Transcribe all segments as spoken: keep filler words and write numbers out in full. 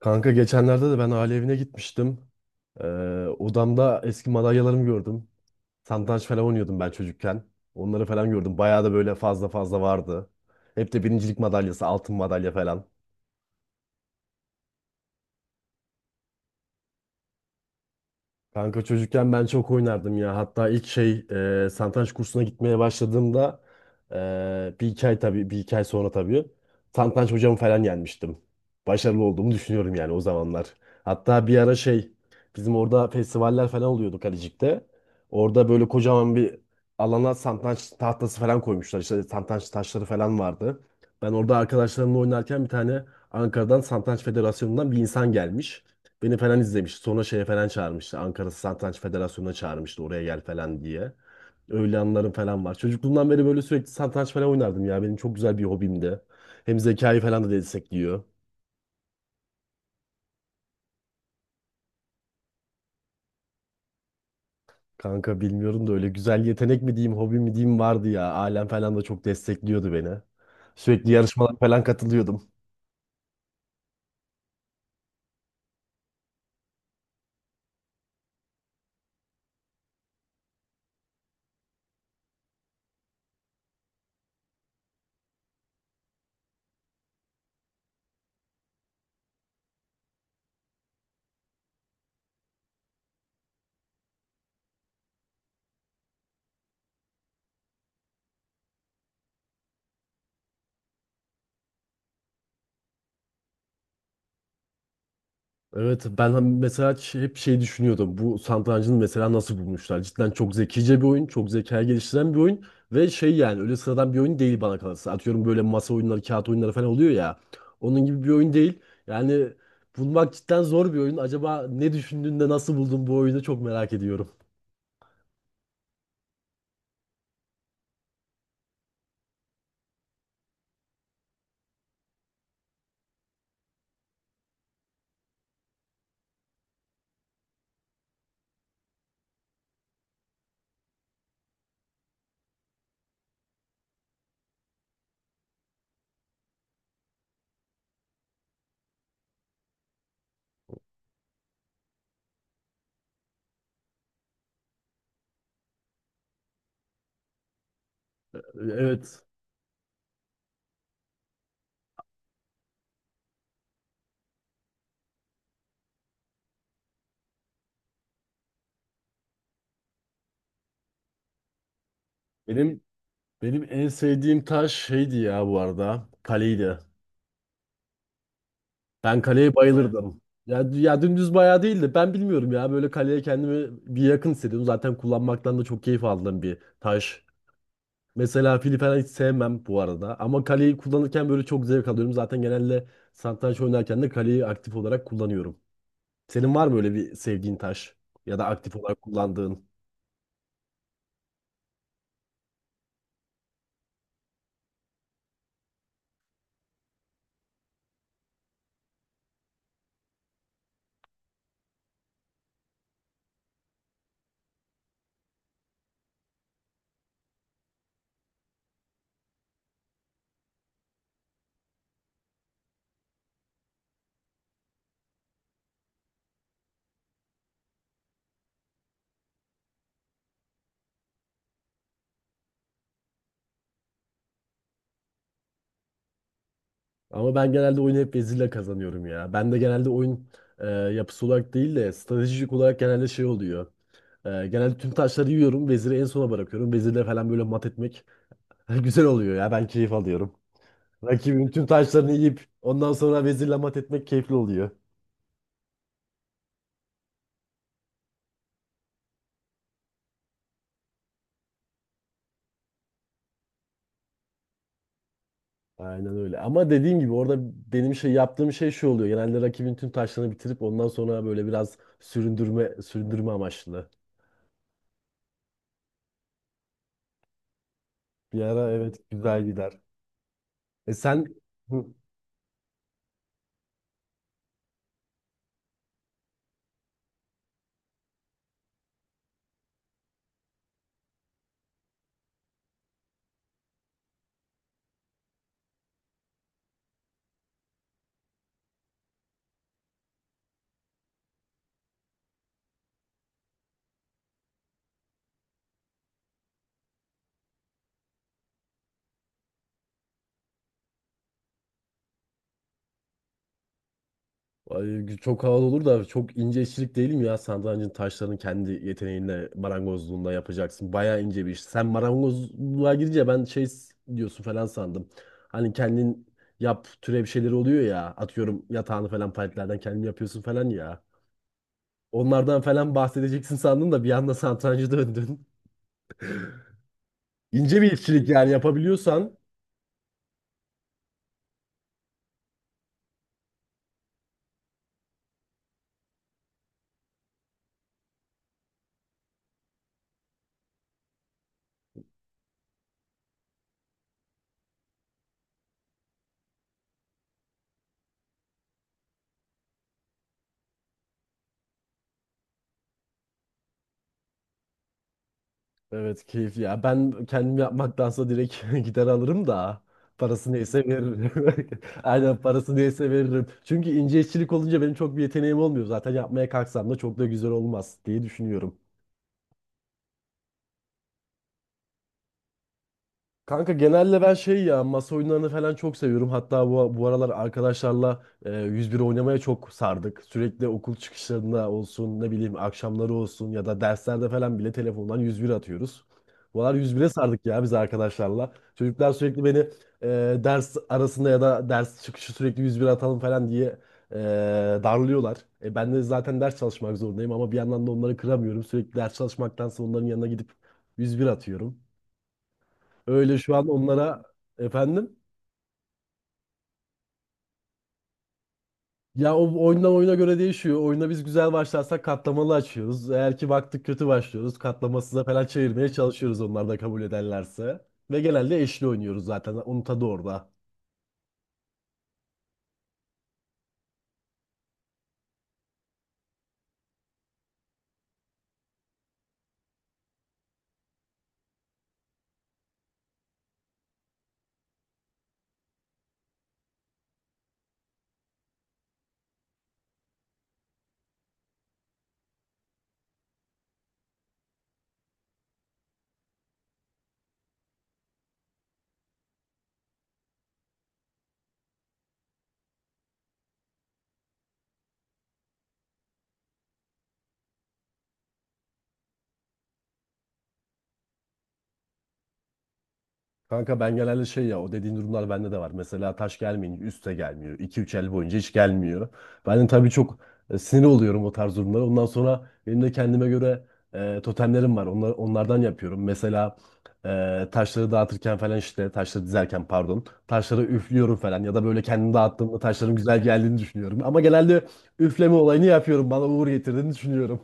Kanka geçenlerde de ben aile evine gitmiştim. Ee, odamda eski madalyalarımı gördüm. Satranç falan oynuyordum ben çocukken. Onları falan gördüm. Bayağı da böyle fazla fazla vardı. Hep de birincilik madalyası, altın madalya falan. Kanka çocukken ben çok oynardım ya. Hatta ilk şey e, satranç kursuna gitmeye başladığımda e, bir iki ay tabii bir iki ay sonra tabii satranç hocamı falan yenmiştim. Başarılı olduğumu düşünüyorum yani o zamanlar. Hatta bir ara şey bizim orada festivaller falan oluyordu Kalecik'te. Orada böyle kocaman bir alana satranç tahtası falan koymuşlar. İşte satranç taşları falan vardı. Ben orada arkadaşlarımla oynarken bir tane Ankara'dan Satranç Federasyonu'ndan bir insan gelmiş. Beni falan izlemişti. Sonra şeye falan çağırmıştı. Ankara Satranç Federasyonu'na çağırmıştı oraya gel falan diye. Öyle anılarım falan var. Çocukluğumdan beri böyle sürekli satranç falan oynardım ya. Benim çok güzel bir hobimdi. Hem zekayı falan da destekliyor. Kanka bilmiyorum da öyle güzel yetenek mi diyeyim, hobi mi diyeyim vardı ya. Ailem falan da çok destekliyordu beni. Sürekli yarışmalara falan katılıyordum. Evet ben hani mesela ç- hep şey düşünüyordum. Bu satrancını mesela nasıl bulmuşlar? Cidden çok zekice bir oyun, çok zeka geliştiren bir oyun ve şey yani öyle sıradan bir oyun değil bana kalırsa. Atıyorum böyle masa oyunları, kağıt oyunları falan oluyor ya. Onun gibi bir oyun değil. Yani bulmak cidden zor bir oyun. Acaba ne düşündüğünde nasıl buldun bu oyunu çok merak ediyorum. Evet. Benim benim en sevdiğim taş şeydi ya bu arada. Kaleydi. Ben kaleye bayılırdım. Ya, ya dümdüz bayağı değildi. Ben bilmiyorum ya. Böyle kaleye kendimi bir yakın hissediyorum. Zaten kullanmaktan da çok keyif aldığım bir taş. Mesela fili falan hiç sevmem bu arada. Ama kaleyi kullanırken böyle çok zevk alıyorum. Zaten genelde satranç oynarken de kaleyi aktif olarak kullanıyorum. Senin var mı öyle bir sevdiğin taş? Ya da aktif olarak kullandığın? Ama ben genelde oyunu hep vezirle kazanıyorum ya. Ben de genelde oyun e, yapısı olarak değil de stratejik olarak genelde şey oluyor. Ee, genelde tüm taşları yiyorum. Veziri en sona bırakıyorum. Vezirle falan böyle mat etmek güzel oluyor ya. Ben keyif alıyorum. Rakibin tüm taşlarını yiyip ondan sonra vezirle mat etmek keyifli oluyor. Aynen öyle. Ama dediğim gibi orada benim şey yaptığım şey şu oluyor. Genelde rakibin tüm taşlarını bitirip ondan sonra böyle biraz süründürme süründürme amaçlı. Bir ara evet güzel gider. E sen. Hı. Ay, çok havalı olur da çok ince işçilik değil mi ya? Satrancın taşlarını kendi yeteneğinle marangozluğunda yapacaksın. Bayağı ince bir iş. Sen marangozluğa girince ben şey s- diyorsun falan sandım. Hani kendin yap türe bir şeyler oluyor ya. Atıyorum yatağını falan paletlerden kendin yapıyorsun falan ya. Onlardan falan bahsedeceksin sandım da bir anda satrancı döndün. İnce bir işçilik yani yapabiliyorsan. Evet keyifli ya. Ben kendim yapmaktansa direkt gider alırım da parası neyse veririm. Aynen parası neyse veririm. Çünkü ince işçilik olunca benim çok bir yeteneğim olmuyor. Zaten yapmaya kalksam da çok da güzel olmaz diye düşünüyorum. Kanka genelde ben şey ya masa oyunlarını falan çok seviyorum. Hatta bu, bu aralar arkadaşlarla e, yüz bir oynamaya çok sardık. Sürekli okul çıkışlarında olsun ne bileyim akşamları olsun ya da derslerde falan bile telefondan yüz bir atıyoruz. Bu aralar yüz bire sardık ya biz arkadaşlarla. Çocuklar sürekli beni e, ders arasında ya da ders çıkışı sürekli yüz bir atalım falan diye e, darlıyorlar. E, ben de zaten ders çalışmak zorundayım ama bir yandan da onları kıramıyorum. Sürekli ders çalışmaktansa onların yanına gidip yüz bir atıyorum. Öyle şu an onlara efendim. Ya o oyundan oyuna göre değişiyor. Oyuna biz güzel başlarsak katlamalı açıyoruz. Eğer ki baktık kötü başlıyoruz. Katlamasıza falan çevirmeye çalışıyoruz onlar da kabul ederlerse. Ve genelde eşli oynuyoruz zaten. Onun tadı orada. Kanka ben genelde şey ya o dediğin durumlar bende de var. Mesela taş gelmeyince üste gelmiyor. İki üç el boyunca hiç gelmiyor. Ben de tabii çok e, sinir oluyorum o tarz durumlara. Ondan sonra benim de kendime göre e, totemlerim var. Onlar, onlardan yapıyorum. Mesela e, taşları dağıtırken falan işte taşları dizerken pardon. Taşları üflüyorum falan ya da böyle kendimi dağıttığımda taşların güzel geldiğini düşünüyorum. Ama genelde üfleme olayını yapıyorum. Bana uğur getirdiğini düşünüyorum.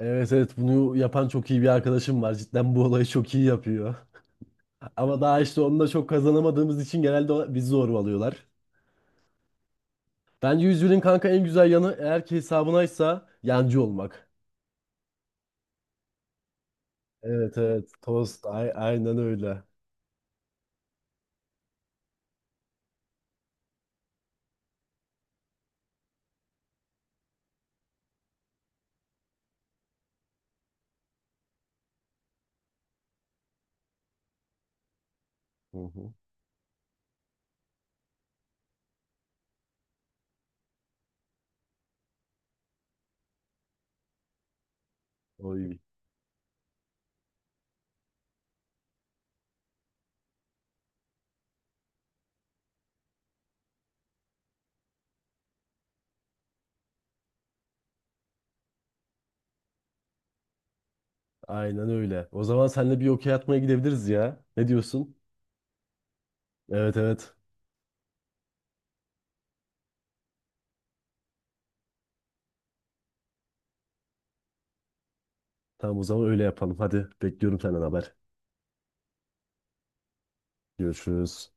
Evet evet bunu yapan çok iyi bir arkadaşım var. Cidden bu olayı çok iyi yapıyor. Ama daha işte onunla çok kazanamadığımız için genelde o- bizi zorbalıyorlar. Bence yüzünün kanka en güzel yanı eğer ki hesabınaysa yancı olmak. Evet evet tost ay- aynen öyle. Hı hı. Oy. Aynen öyle. O zaman seninle bir okey atmaya gidebiliriz ya. Ne diyorsun? Evet evet. Tamam o zaman öyle yapalım. Hadi bekliyorum senden haber. Görüşürüz.